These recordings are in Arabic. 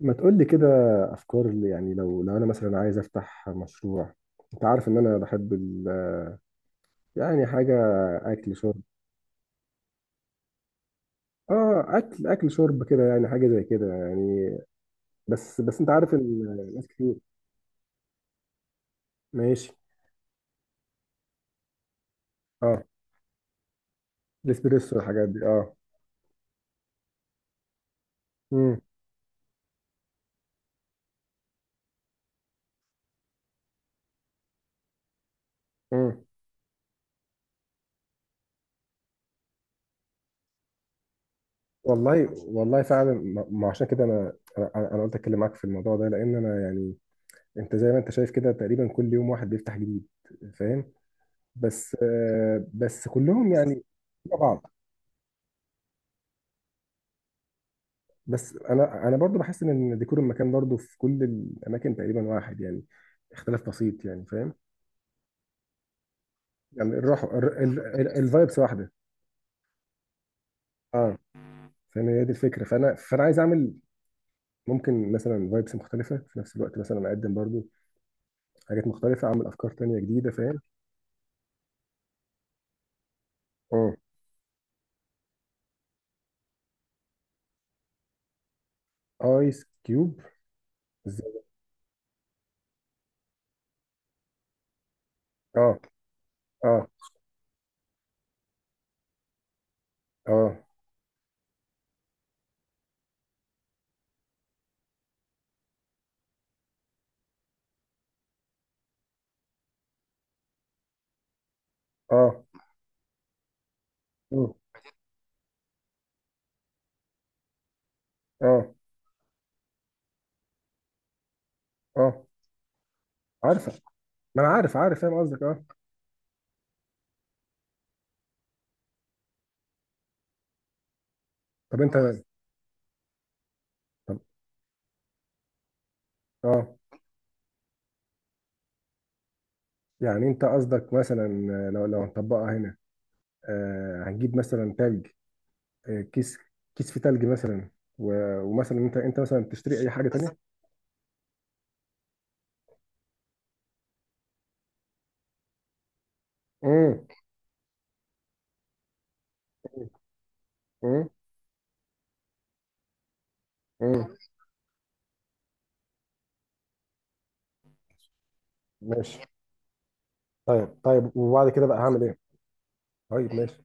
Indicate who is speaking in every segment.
Speaker 1: ما تقول لي كده، افكار اللي يعني لو انا مثلا عايز افتح مشروع. انت عارف ان انا بحب ال... يعني حاجه، اكل شرب. اه، اكل شرب كده، يعني حاجه زي كده يعني. بس انت عارف ان ناس كتير. ماشي. اه، الاسبريسو والحاجات دي. اه. امم. امم. والله والله فعلا، ما عشان كده انا انا أنا قلت اتكلم معاك في الموضوع ده، لان انا يعني انت زي ما انت شايف كده، تقريبا كل يوم واحد بيفتح جديد. فاهم؟ بس بس كلهم يعني شبه بعض. بس انا برضو بحس ان ديكور المكان برضو في كل الاماكن تقريبا واحد، يعني اختلاف بسيط، يعني فاهم؟ يعني الروح، الفايبس واحده. اه. فاهم، هي دي الفكره. فانا عايز اعمل ممكن مثلا فايبس مختلفه في نفس الوقت، مثلا اقدم برضو حاجات مختلفه، اعمل افكار تانية جديده. فاهم؟ اه، ايس كيوب. ازاي؟ اه. اه. اه. اه. اه. اه. اه. عارفه. ما انا عارف عارف فاهم قصدك. اه. طب انت. طب اه، يعني انت قصدك مثلا لو هنطبقها هنا، هتجيب مثلا تلج، كيس، كيس في تلج مثلا. ومثلا انت مثلا بتشتري اي حاجه تانية. امم. امم. امم. ماشي. طيب طيب، وبعد كده بقى هعمل ايه؟ طيب ماشي.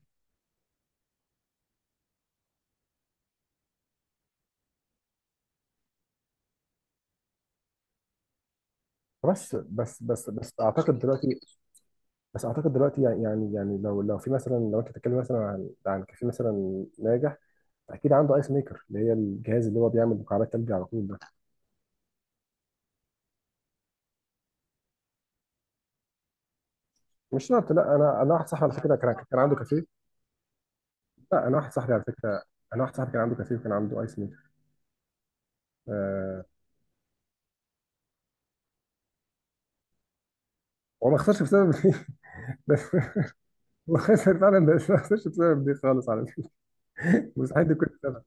Speaker 1: بس اعتقد دلوقتي. بس اعتقد دلوقتي يعني يعني لو في مثلا، لو انت بتتكلم مثلا عن كافيه مثلا ناجح، اكيد عنده ايس ميكر، اللي هي الجهاز اللي هو بيعمل مكعبات ثلج على طول ده. مش شرط، لا انا واحد صاحبي على فكره كان عنده كافيه. لا، انا واحد صاحبي على فكره، انا واحد صاحبي كان عنده كافيه وكان عنده ايس ميكر. آه. هو ما خسرش بسبب دي بس. هو خسر فعلا بس ما خسرش بسبب دي خالص على فكره. مستحيل دي كنت سبب.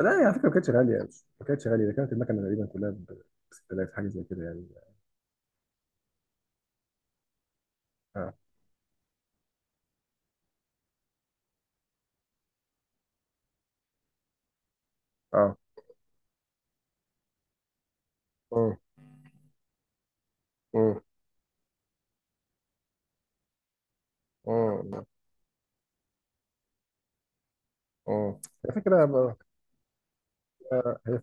Speaker 1: لا، هي على فكره ما كانتش غاليه، مش ما كانتش غاليه، ده كانت المكنه تقريبا كلها ب 6000 حاجه زي كده يعني. اه. اه. اه. اه. اه. اه. هي فكره ب-، هي،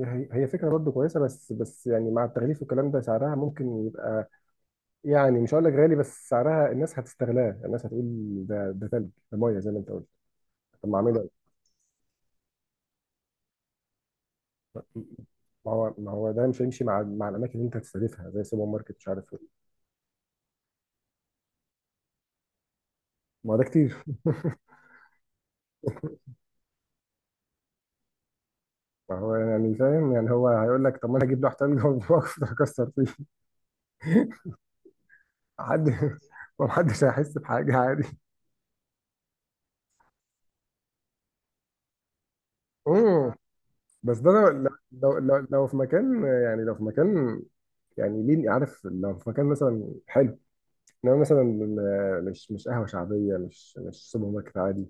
Speaker 1: هي فكره برضه كويسه، بس يعني مع التغليف والكلام ده سعرها ممكن يبقى، يعني مش هقول لك غالي، بس سعرها الناس هتستغلاه. الناس هتقول ده ثلج، ده ميه زي ما انت قلت. طب ما اعمله. ما هو ده مش هيمشي مع الاماكن اللي انت هتستهدفها زي سوبر ماركت، مش عارف ايه. ما هو ده كتير. ما هو، يعني فاهم، يعني هو هيقول لك طب ما انا هجيب لوح تلج واكسر فيه. حد. ما حدش هيحس بحاجه، عادي. امم. بس ده لو. لو في مكان، يعني لو في مكان، يعني ليه؟ عارف لو في مكان مثلا حلو، انما مثلا مش قهوه شعبيه، مش سوبر ماركت عادي.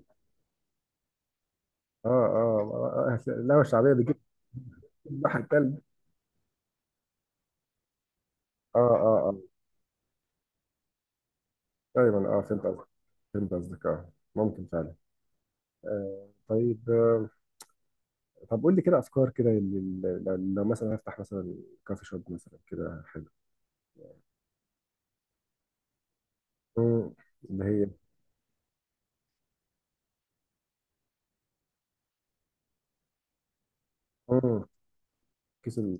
Speaker 1: اه. اه. آه. آه. القهوه الشعبيه بتجيب لوح التلج. اه. اه. آه. دايما، اه فهمت قصدك. فهمت قصدك، اه، ممكن فعلا. آه، طيب، آه. طب قول لي كده افكار كده لل-، لل-، لو مثلا هفتح مثلا كافي شوب مثلا كده حلو. مم، اللي هي. مم، كيس ال...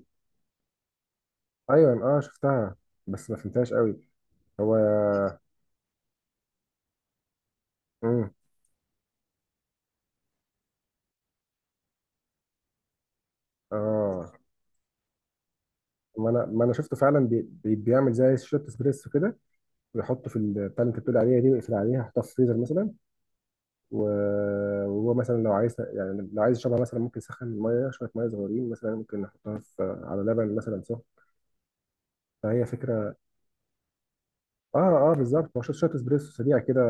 Speaker 1: ايوه، اه شفتها، بس ما فهمتهاش قوي. هو. مم. اه، ما انا شفته فعلا بي... بي- بيعمل زي شوت اسبريسو كده، ويحطه في ال-، بتاع اللي انت بتقول عليها دي، ويقفل عليها، يحطها في الفريزر مثلا. وهو مثلا لو عايز، يعني لو عايز يشربها مثلا، ممكن يسخن الميه شويه، ميه صغيرين مثلا، ممكن نحطها في على لبن مثلا سخن. فهي فكره. اه، اه بالظبط. هو شويه شوية اسبريسو سريع كده،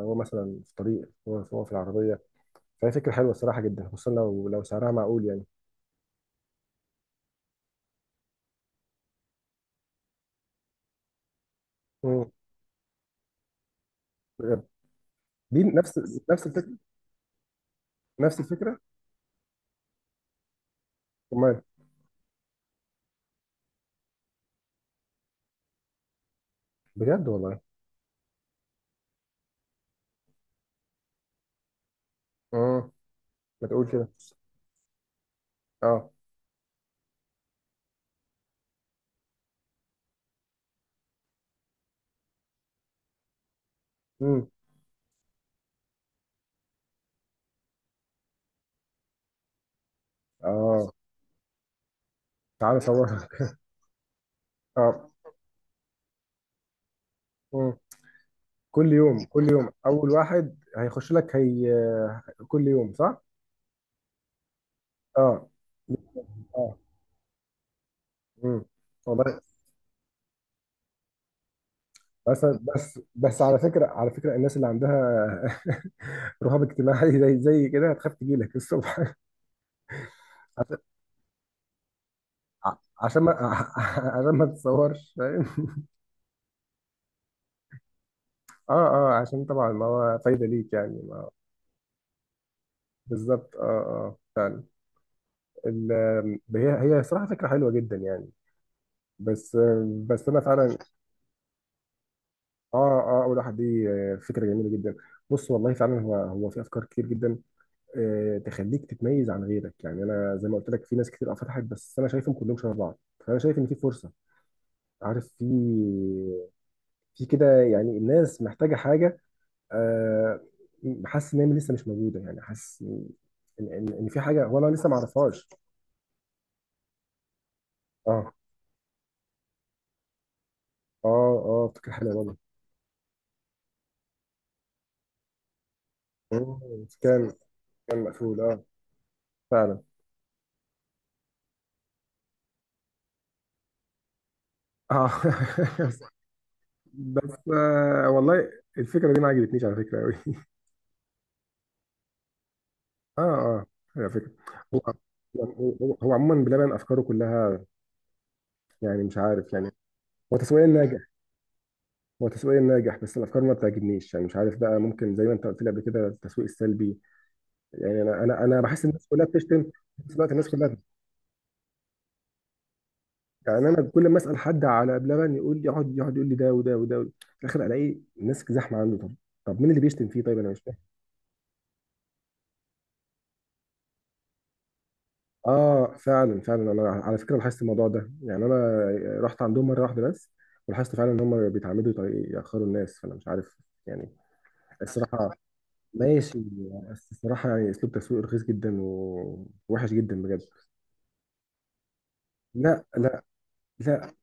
Speaker 1: هو مثلا في الطريق، هو في العربيه. فهي فكره حلوه الصراحه جدا، خصوصا لو سعرها معقول يعني. مم. بجد؟ دي نفس، نفس الفكره، نفس الفكره. امال. بجد والله. امم. ما تقول كده. اه. امم. اه. تعالى صورها اه. مم. كل يوم، كل يوم اول واحد هيخش لك هي. كل يوم صح؟ اه. اه. امم. والله. بس. بس على فكره، على فكره الناس اللي عندها رهاب اجتماعي، زي كده هتخاف تجي لك الصبح. عشان. عشان ما عشان ما تتصورش فاهم؟ اه. اه. عشان طبعا ما هو فايده ليك، يعني ما هو-. بالظبط، اه، اه، فعلا. ال-، هي صراحه فكره حلوه جدا يعني. بس. بس انا فعلا. اه. اه. اول واحد دي فكره جميله جدا. بص والله فعلا، هو في افكار كتير جدا، تخليك تتميز عن غيرك. يعني انا زي ما قلت لك في ناس كتير أه فتحت، بس انا شايفهم كلهم شبه بعض. فانا شايف ان في فرصه. عارف، في، في كده، يعني الناس محتاجه حاجه، آه، حاسس ان هي لسه مش موجوده، يعني حاسس ان إن في حاجه هو انا لسه ما اعرفهاش. اه. اه. اه، فكره حلوه والله. مم، كان. كان مقفول، اه. فعلا. اه. بس والله الفكره دي ما عجبتنيش على فكره قوي. اه. اه. هي فكرة. هو. يعني. هو عموما بلبن افكاره كلها، يعني مش عارف يعني. هو تسويق ناجح. هو تسويق ناجح بس الافكار ما بتعجبنيش، يعني مش عارف بقى، ممكن زي ما انت قلت لي قبل كده، التسويق السلبي. يعني انا بحس الناس كلها بتشتم في نفس الوقت، الناس كلها يعني. انا كل ما اسال حد على بلبن يقول لي، يقعد يقول لي ده وده وده وده. في الاخر الاقي الناس زحمه عنده. طب، طب مين اللي بيشتم فيه طيب؟ انا مش. اه، فعلا فعلا، انا على فكره لاحظت الموضوع ده، يعني انا رحت عندهم مره واحده بس، ولاحظت فعلا ان هم بيتعمدوا يط- ياخروا الناس، فانا مش عارف يعني. الصراحه. ماشي. بس الصراحه يعني اسلوب تسويق رخيص جدا ووحش جدا بجد. لا، لا، لا.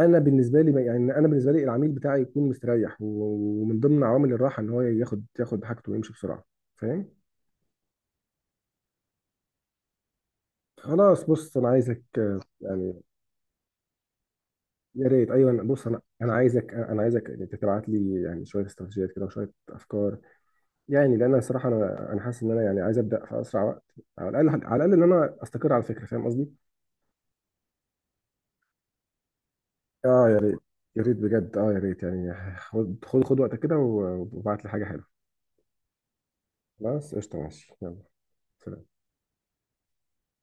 Speaker 1: انا بالنسبه لي العميل بتاعي يكون مستريح، ومن ضمن عوامل الراحه ان هو ياخد حاجته ويمشي بسرعه. فاهم؟ خلاص، بص انا عايزك يعني. يا ريت، ايوه، بص انا عايزك، تبعت لي يعني شويه استراتيجيات كده وشويه افكار. يعني لان انا الصراحه انا حاسس ان انا يعني عايز ابدا في اسرع وقت، على الاقل على الاقل ان انا استقر على فكره. فاهم قصدي؟ اه يا ريت. يا ريت بجد، اه يا ريت، يعني خد خد خد وقتك كده، وابعت لي حاجه حلوه. خلاص قشطه، ماشي، يلا، سلام.